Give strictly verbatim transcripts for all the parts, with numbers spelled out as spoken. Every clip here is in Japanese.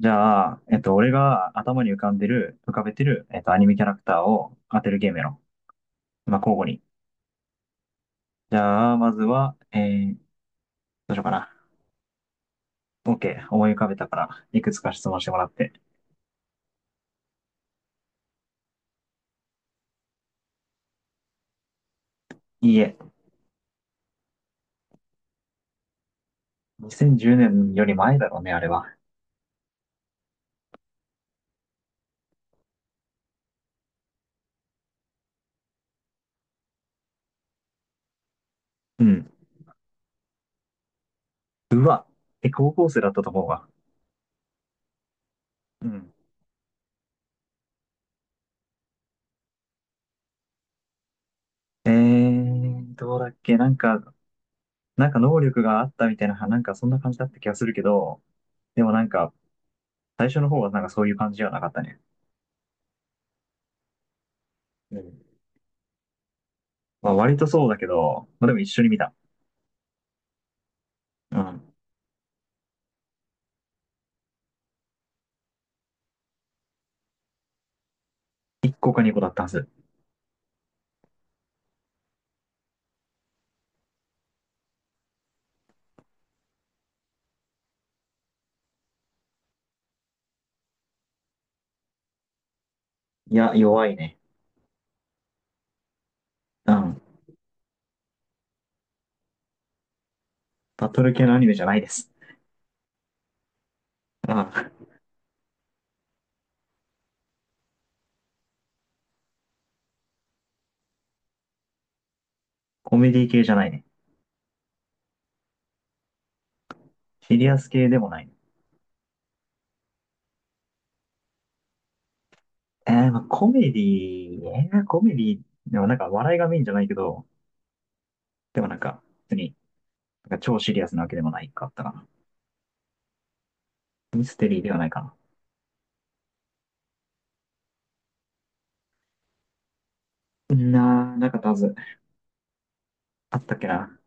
じゃあ、えっと、俺が頭に浮かんでる、浮かべてる、えっと、アニメキャラクターを当てるゲームやろう。まあ、交互に。じゃあ、まずは、えー、どうしようかな。OK。思い浮かべたから、いくつか質問してもらって。いいえ。にせんじゅうねんより前だろうね、あれは。うん。うわ。え、高校生だったと思うわ。うん。えー、どうだっけなんか、なんか能力があったみたいな、なんかそんな感じだった気がするけど、でもなんか、最初の方はなんかそういう感じではなかったね。うん。まあ割とそうだけど、まあでも一緒に見た。うん。いっこかにこだったはず。いや、弱いね。うん。バトル系のアニメじゃないです。うん。コメディ系じゃないね。シリアス系でもないね。えー、まあコメディーえー、コメディーでもなんか笑いがメインじゃないけど、でもなんか、別に、なんか超シリアスなわけでもないかったかな。ミステリーではないかな。なー、なかったはず。あったっけな。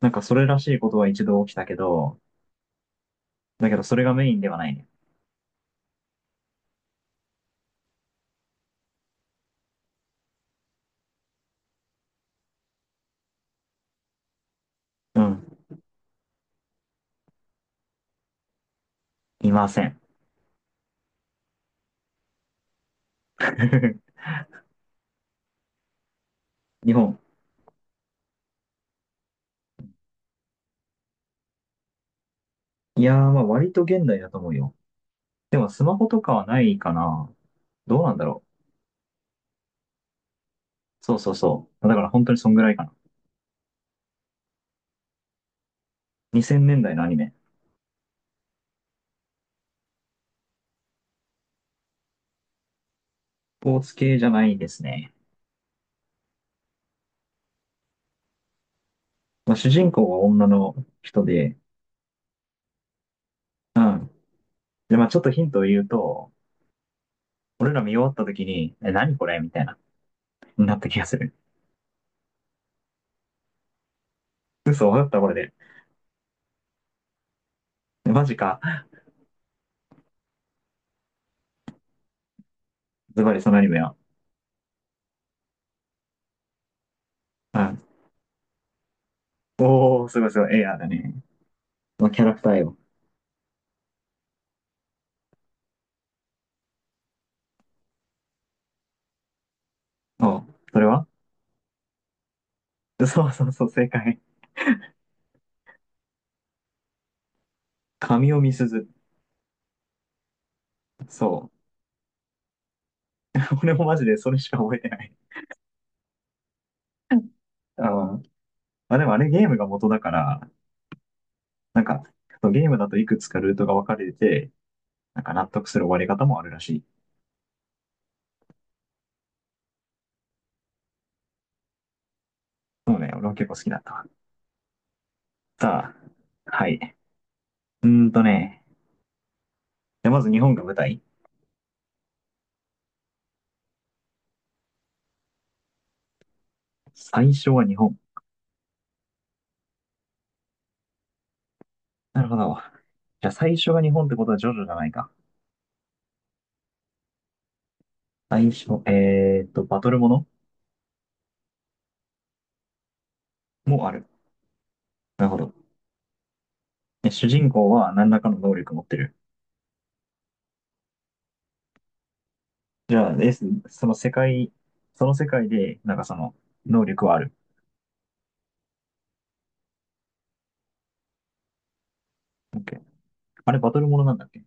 なんかそれらしいことは一度起きたけど、だけどそれがメインではないね。うん。いません。日本、いやー、まあ割と現代だと思うよ。でもスマホとかはないかな。どうなんだろう。そうそうそう。だから本当にそんぐらいかな。にせんねんだいのアニメ。スポーツ系じゃないですね。まあ、主人公は女の人で、で、まあちょっとヒントを言うと、俺ら見終わった時に、え、何これみたいな、なった気がする。嘘、わかったこれで。え、マジか。ズバリそのアニメは。うん。おー、すごいすごい。エアーだね。まあキャラクターよ。おう、それは。 そうそうそう、正解。神尾みすず。そう。俺もマジでそれしか覚えてない。うん。あ、まあ、でもあれゲームが元だから、なんか、ゲームだといくつかルートが分かれてて、なんか納得する終わり方もあるらしい。そうね、俺は結構好きだった。さあ、はい。うーんとね、じゃあまず日本が舞台。最初は日本。なるほど。じゃあ最初が日本ってことはジョジョじゃないか。最初、えーっと、バトルものもある。なるほど。で、主人公は何らかの能力を持ってる。じゃあ、ですその世界、その世界で、なんかその能力はある。OK。 あれ、バトルものなんだっけ。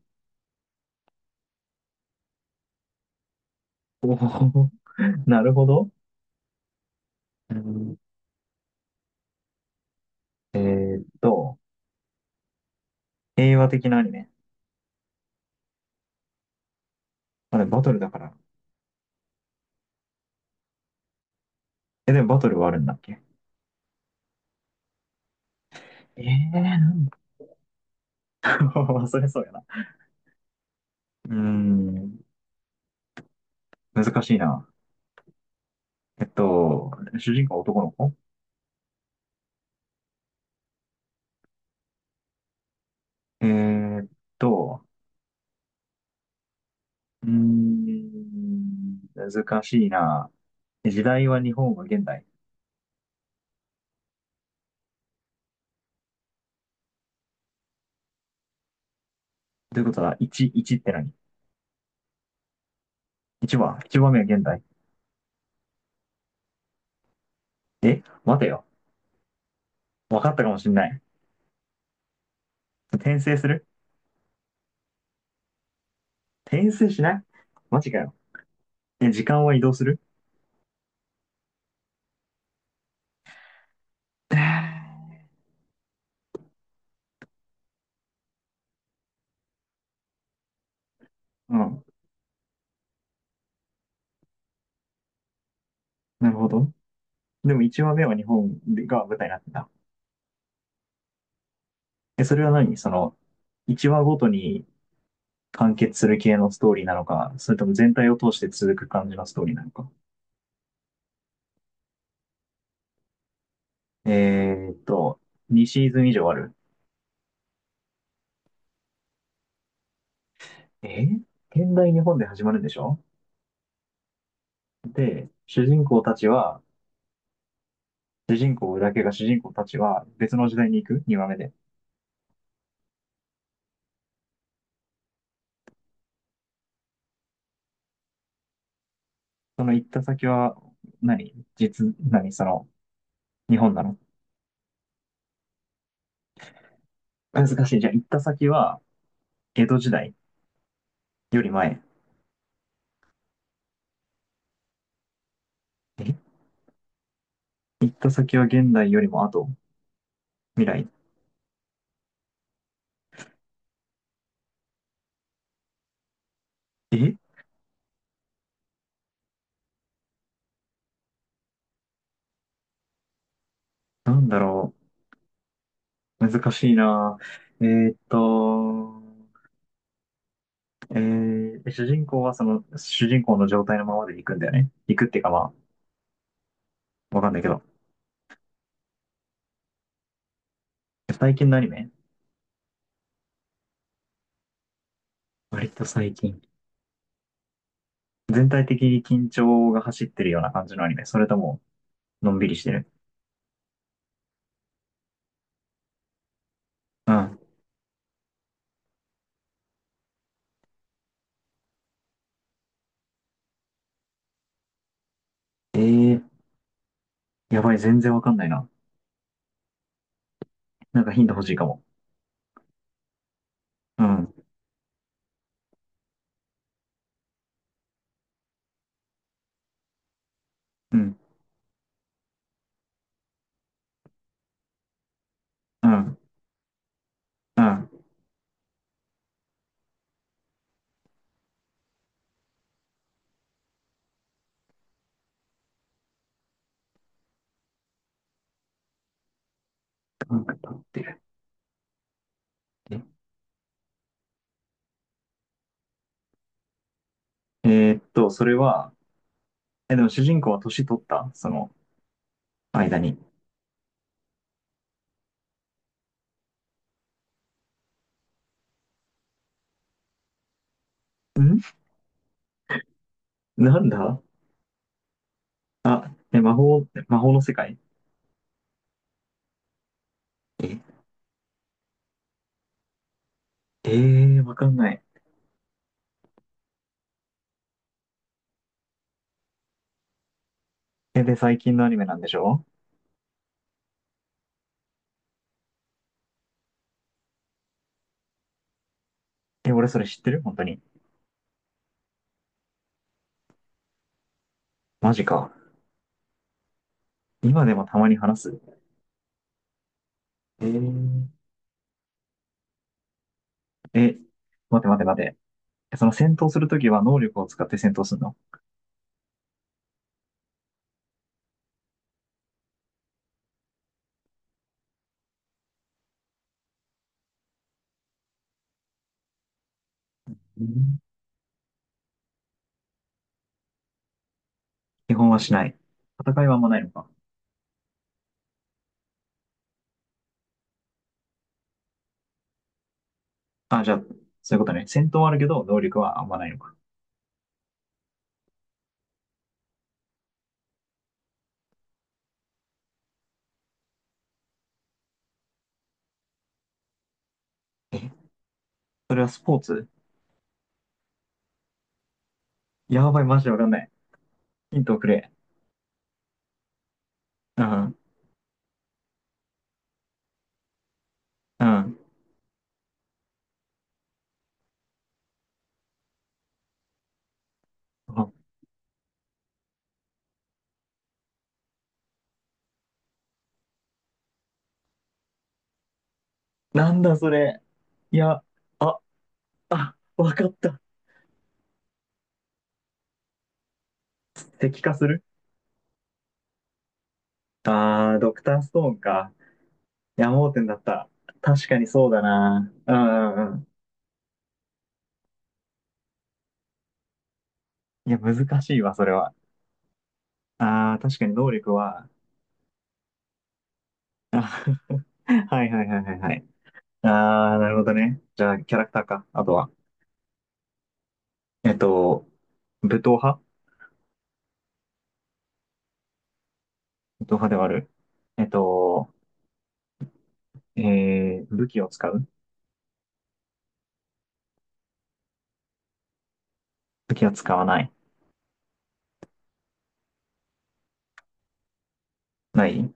おおー、なるほど。うん。えーっと、平和的なアニメ。あれ、バトルだから。え、でもバトルはあるんだっけ。ええー、それそうやな。うーん、難しいな。えっと、主人公は男の子。えーっと、うーん、難しいな。時代は日本は現代。ということは、いち、いちって何？ いち は、いちばんめは現代。え、待てよ。分かったかもしんない。転生する？転生しない？マジかよ。え、時間は移動する？ うん。なるほど。でもいちわめは日本が舞台になってた。え、それは何その、いちわごとに完結する系のストーリーなのか、それとも全体を通して続く感じのストーリーなのか。えーっと、にシーズン以上ある。え、現代日本で始まるんでしょ？で、主人公たちは、主人公だけが主人公たちは別の時代に行く？ にわめ 話目で。その行った先は何、実、何その、日本なの？難しい。じゃあ、行った先は、江戸時代より前。え、行った先は現代よりも後、未来。え、なんだろう。難しいな。えーっと、えー、主人公はその、主人公の状態のままで行くんだよね。行くっていうかまあ、わかんないけど。最近のアニメ？割と最近。全体的に緊張が走ってるような感じのアニメ。それとも、のんびりしてる。うん。えー、やばい、全然わかんないな。なんかヒント欲しいかも。うん、うん、うん、うん。うんって。ええーっと、それは、え、でも主人公は年取ったその間に。ん、なんだ。え、魔法、魔法の世界？え、えー、わかんない。え、で、最近のアニメなんでしょ？え、俺それ知ってる本当に。マジか。今でもたまに話す。えー、え、待て待て待て。え、その戦闘するときは能力を使って戦闘するの？うん。基本はしない。戦いはあんまないのか。あ、じゃあ、そういうことね。戦闘はあるけど、能力はあんまないのか。え、それはスポーツ？やばい、マジでわかんない。ヒントをくれ。うん、うん。あ、なんだそれ。いや、あ、あ、わかった。石化する？ああー、ドクターストーンか。いや、盲点だった。確かにそうだな。うんうんうん。いや、難しいわ、それは。ああ、確かに能力は。はいはいはいはいはい。ああ、なるほどね。じゃあ、キャラクターか。あとは。えっと、武闘派？武闘派ではある。えっと、えー、武器を使う？武器は使わない。ない？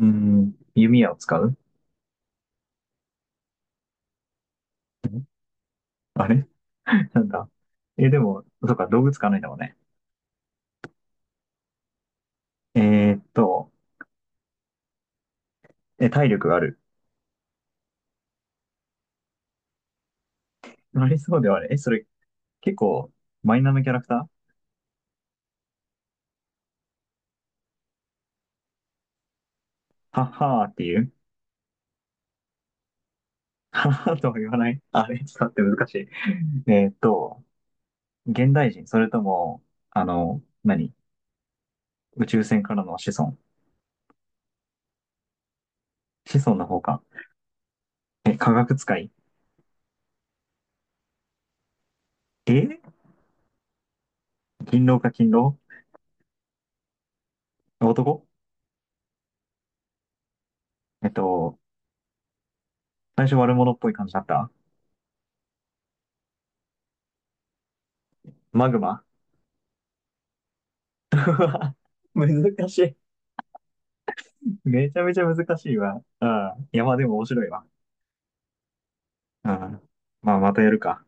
うん、弓矢を使うん？あれ、 なんだ。え、でも、そっか、動物使わないんだもんね。えーっと、え、体力がある。ありそうではある。え、それ、結構、マイナーのキャラクター？はっはーっていう？はっはーとは言わない？あれ、ちょっと待って、難しい。えーっと、現代人、それとも、あの、何、宇宙船からの子孫？子孫の方か。え、科学使い。え、勤労か、勤労。男。えっと、最初悪者っぽい感じだった？マグマ？ 難しい。めちゃめちゃ難しいわ。ああ、いや、まあでも面白いわ。うん。まあ、またやるか。